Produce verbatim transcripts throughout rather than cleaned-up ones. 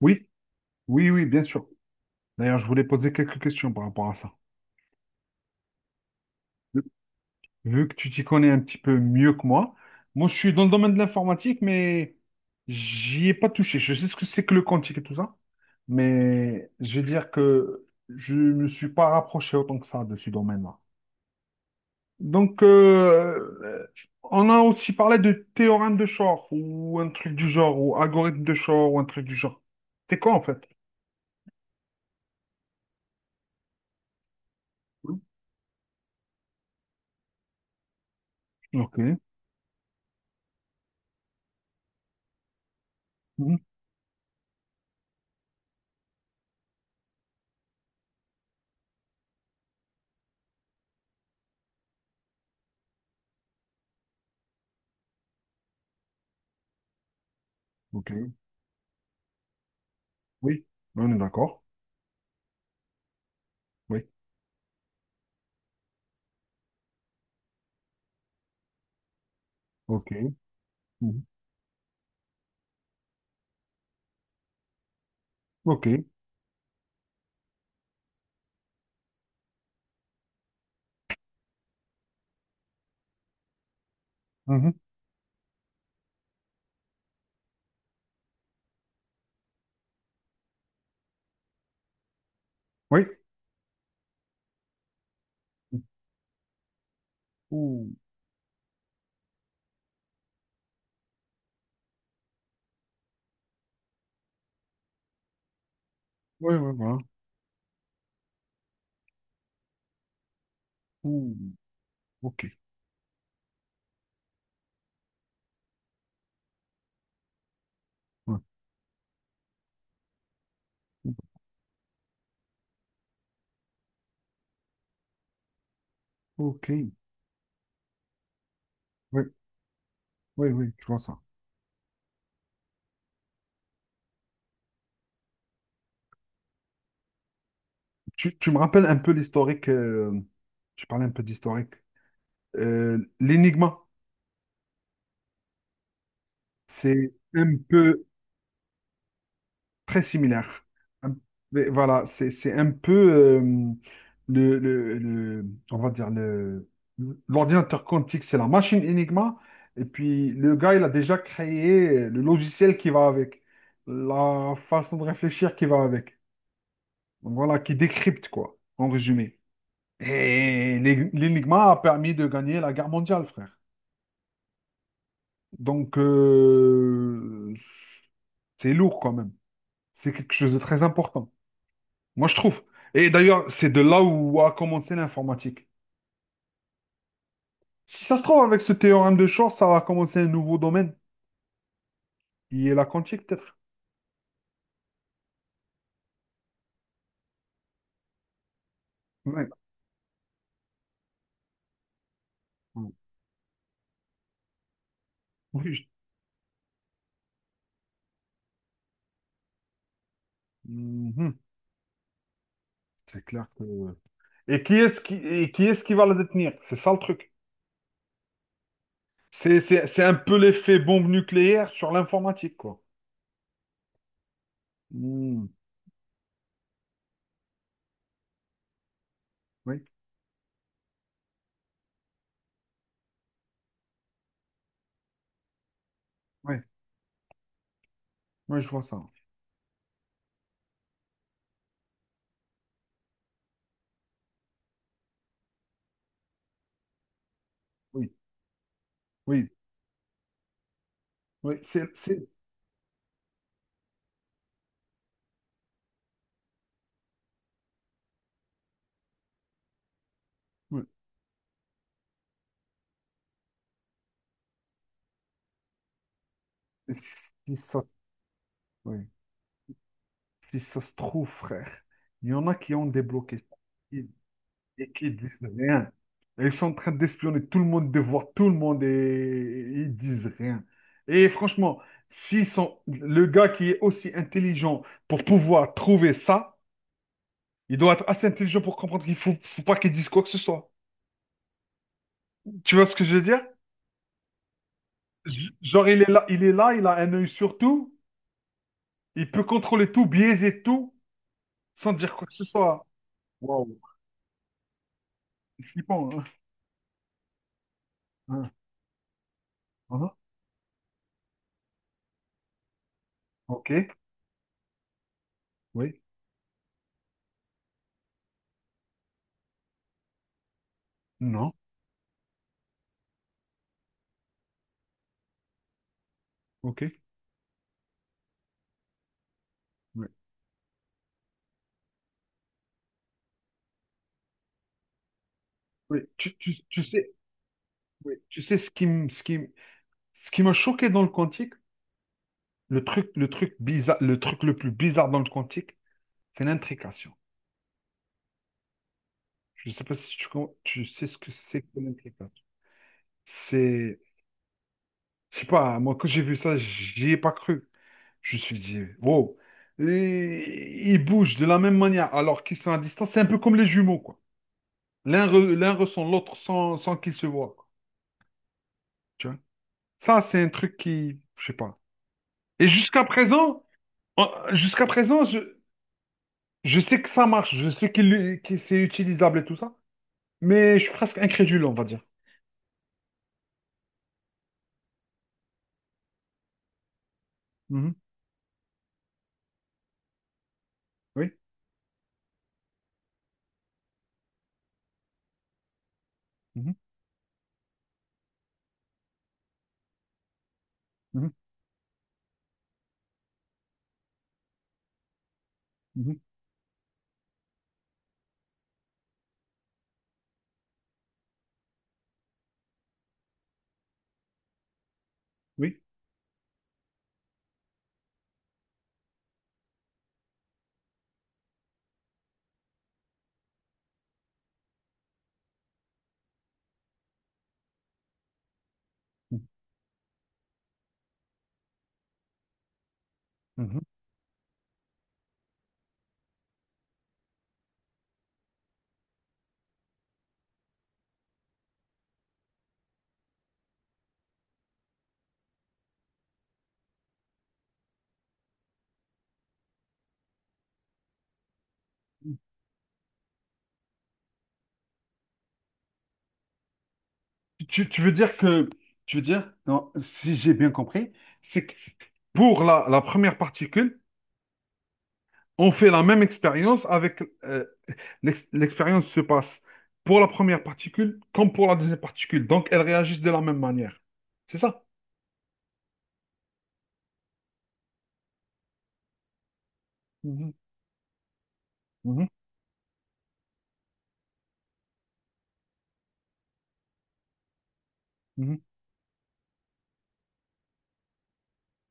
Oui, oui, oui, bien sûr. D'ailleurs, je voulais poser quelques questions par rapport à ça. Vu que tu t'y connais un petit peu mieux que moi, moi, je suis dans le domaine de l'informatique, mais j'y ai pas touché. Je sais ce que c'est que le quantique et tout ça, mais je vais dire que je me suis pas rapproché autant que ça de ce domaine-là. Donc, euh, on a aussi parlé de théorème de Shor ou un truc du genre, ou algorithme de Shor ou un truc du genre. C'est quoi en fait? Ok. Mhm. Ok. Oui, on est d'accord. Oui. Ok. Mhm. Ok. Mhm. Oui. Ouh. Oui, oui, voilà. Ouh. Ok. Ouais. Ok. Oui, oui, oui, je vois ça. Tu, tu me rappelles un peu l'historique. Euh, je parlais un peu d'historique. Euh, l'Enigma, c'est un peu très similaire. Un- mais Voilà, c'est c'est un peu euh, le, le- le- on va dire le l'ordinateur quantique, c'est la machine Enigma, et puis le gars, il a déjà créé le logiciel qui va avec, la façon de réfléchir qui va avec. Donc voilà, qui décrypte quoi, en résumé. Et l'E- l'Enigma a permis de gagner la guerre mondiale, frère. Donc euh, c'est lourd quand même. C'est quelque chose de très important. Moi, je trouve. Et d'ailleurs, c'est de là où a commencé l'informatique. Si ça se trouve, avec ce théorème de Shor, ça va commencer un nouveau domaine. Il est la quantique, peut-être. Ouais. Oui. je- Mhm. C'est clair que... Et qui est-ce qui, et qui est-ce qui va la détenir? C'est ça le truc. C'est, c'est, c'est un peu l'effet bombe nucléaire sur l'informatique, quoi. Hmm. Oui, oui, oui, je vois ça. Oui, oui, oui. C'est, c'est- oui. Si ça, Oui. Si ça se trouve, frère, il y en a qui ont débloqué ça. Et qui disent rien. Ils sont en train d'espionner tout le monde, de voir tout le monde et ils disent rien. Et franchement, s'ils sont le gars qui est aussi intelligent pour pouvoir trouver ça, il doit être assez intelligent pour comprendre qu'il faut, faut pas qu'il dise quoi que ce soit. Tu vois ce que je veux dire? J- Genre, il est là, il est là, il a un œil sur tout, il peut contrôler tout, biaiser tout, sans dire quoi que ce soit. Waouh, c'est flippant. Hein. Hein, hein, ok, oui, non, ok. Oui. Oui, Tu, tu- tu sais, oui. Tu sais, ce qui, m- ce qui, m- ce qui m'a choqué dans le quantique, le truc, le truc bizarre, le truc le plus bizarre dans le quantique, c'est l'intrication. Je ne sais pas si tu, con- tu sais ce que c'est que l'intrication. C'est, je sais pas, moi quand j'ai vu ça, j'y ai pas cru. Je me suis dit, wow, et ils bougent de la même manière alors qu'ils sont à distance. C'est un peu comme les jumeaux, quoi. L'un re- l'un ressent l'autre sans, sans qu'ils se voient, quoi. Tu vois? Ça, c'est un truc qui, je sais pas. Et jusqu'à présent, en- jusqu'à présent, je, je sais que ça marche, je sais qu'il, que c'est utilisable et tout ça, mais je suis presque incrédule, on va dire. Mhm, oui. Mhm, mhm, mhm, oui. Mhm. Tu, tu veux dire que, Tu veux dire, non, si j'ai bien compris, c'est que pour la, la première particule, on fait la même expérience avec euh, l'ex- l'expérience se passe pour la première particule comme pour la deuxième particule, donc elles réagissent de la même manière. C'est ça? Mhm, mhm, mhm.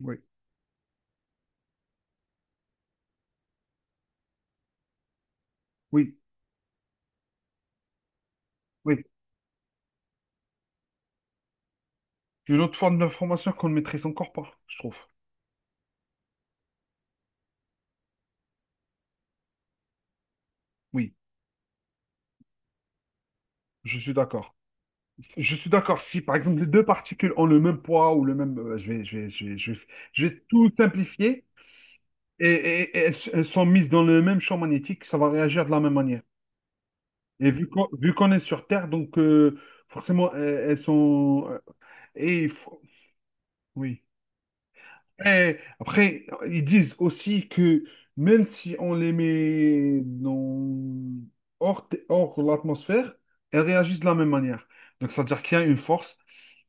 Oui, oui, oui. Une autre forme d'information qu'on ne maîtrise encore pas, je trouve. Oui, je suis d'accord. Je suis d'accord. Si, par exemple, les deux particules ont le même poids ou le même... euh, je vais, je vais, je vais, je vais- je vais tout simplifier et, et- et elles, elles sont mises dans le même champ magnétique, ça va réagir de la même manière. Et vu qu'on, vu qu'on est sur Terre, donc euh, forcément, elles, elles sont... euh, et il faut- Oui. Eh, après, ils disent aussi que même si on les met dans... hors, hors l'atmosphère, elles réagissent de la même manière. Donc, c'est-à-dire qu'il y a une force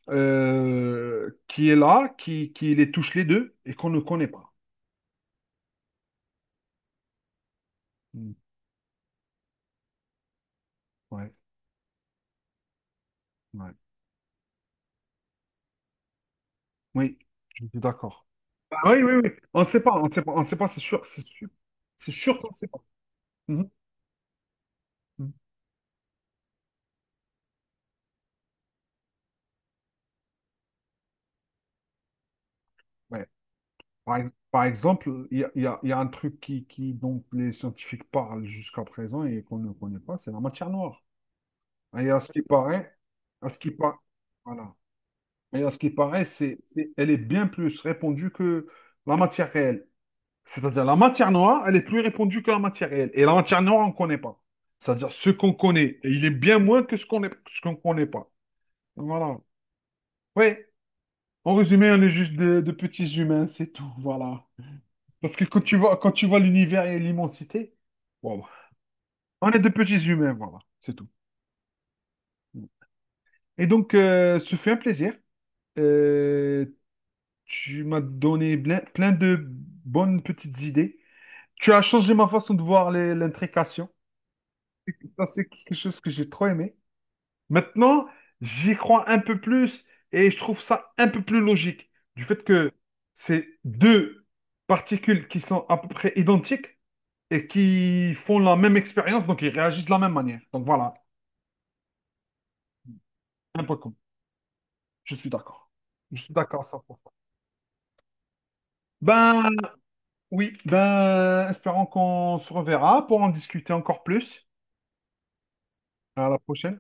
euh, qui est là, qui, qui les touche les deux et qu'on ne connaît pas. Mm. Ouais, ouais. Oui, je suis d'accord. Ah oui, oui, oui. On ne sait pas, on ne sait pas, on ne sait pas, c'est sûr, c'est sûr. C'est sûr qu'on ne sait pas. Mhm. Mhm. Ouais. Par, ex- par exemple, il y a, il y a- il y a un truc qui, qui, dont les scientifiques parlent jusqu'à présent et qu'on ne connaît pas, c'est la matière noire. Et à ce qui paraît, à ce qui par- voilà. Et à ce qui paraît, c'est, c'est- elle est bien plus répandue que la matière réelle. C'est-à-dire, la matière noire, elle est plus répandue que la matière réelle. Et la matière noire, on ne connaît pas. C'est-à-dire, ce qu'on connaît, et il est bien moins que ce qu'on ne ce qu'on ne connaît pas. Voilà. Oui, en résumé, on est juste de, de petits humains, c'est tout. Voilà. Parce que quand tu vois, quand tu vois l'univers et l'immensité, wow, on est des petits humains, voilà, c'est tout. Et donc, euh, ce fut un plaisir. Euh, tu m'as donné plein, plein de bonnes petites idées. Tu as changé ma façon de voir les- l'intrication. Ça, c'est quelque chose que j'ai trop aimé. Maintenant, j'y crois un peu plus et je trouve ça un peu plus logique. Du fait que c'est deux particules qui sont à peu près identiques, et qui font la même expérience, donc ils réagissent de la même manière. Donc voilà, un peu comme. Je suis d'accord. Je suis d'accord, ça. Ben oui, ben espérons qu'on se reverra pour en discuter encore plus. À la prochaine.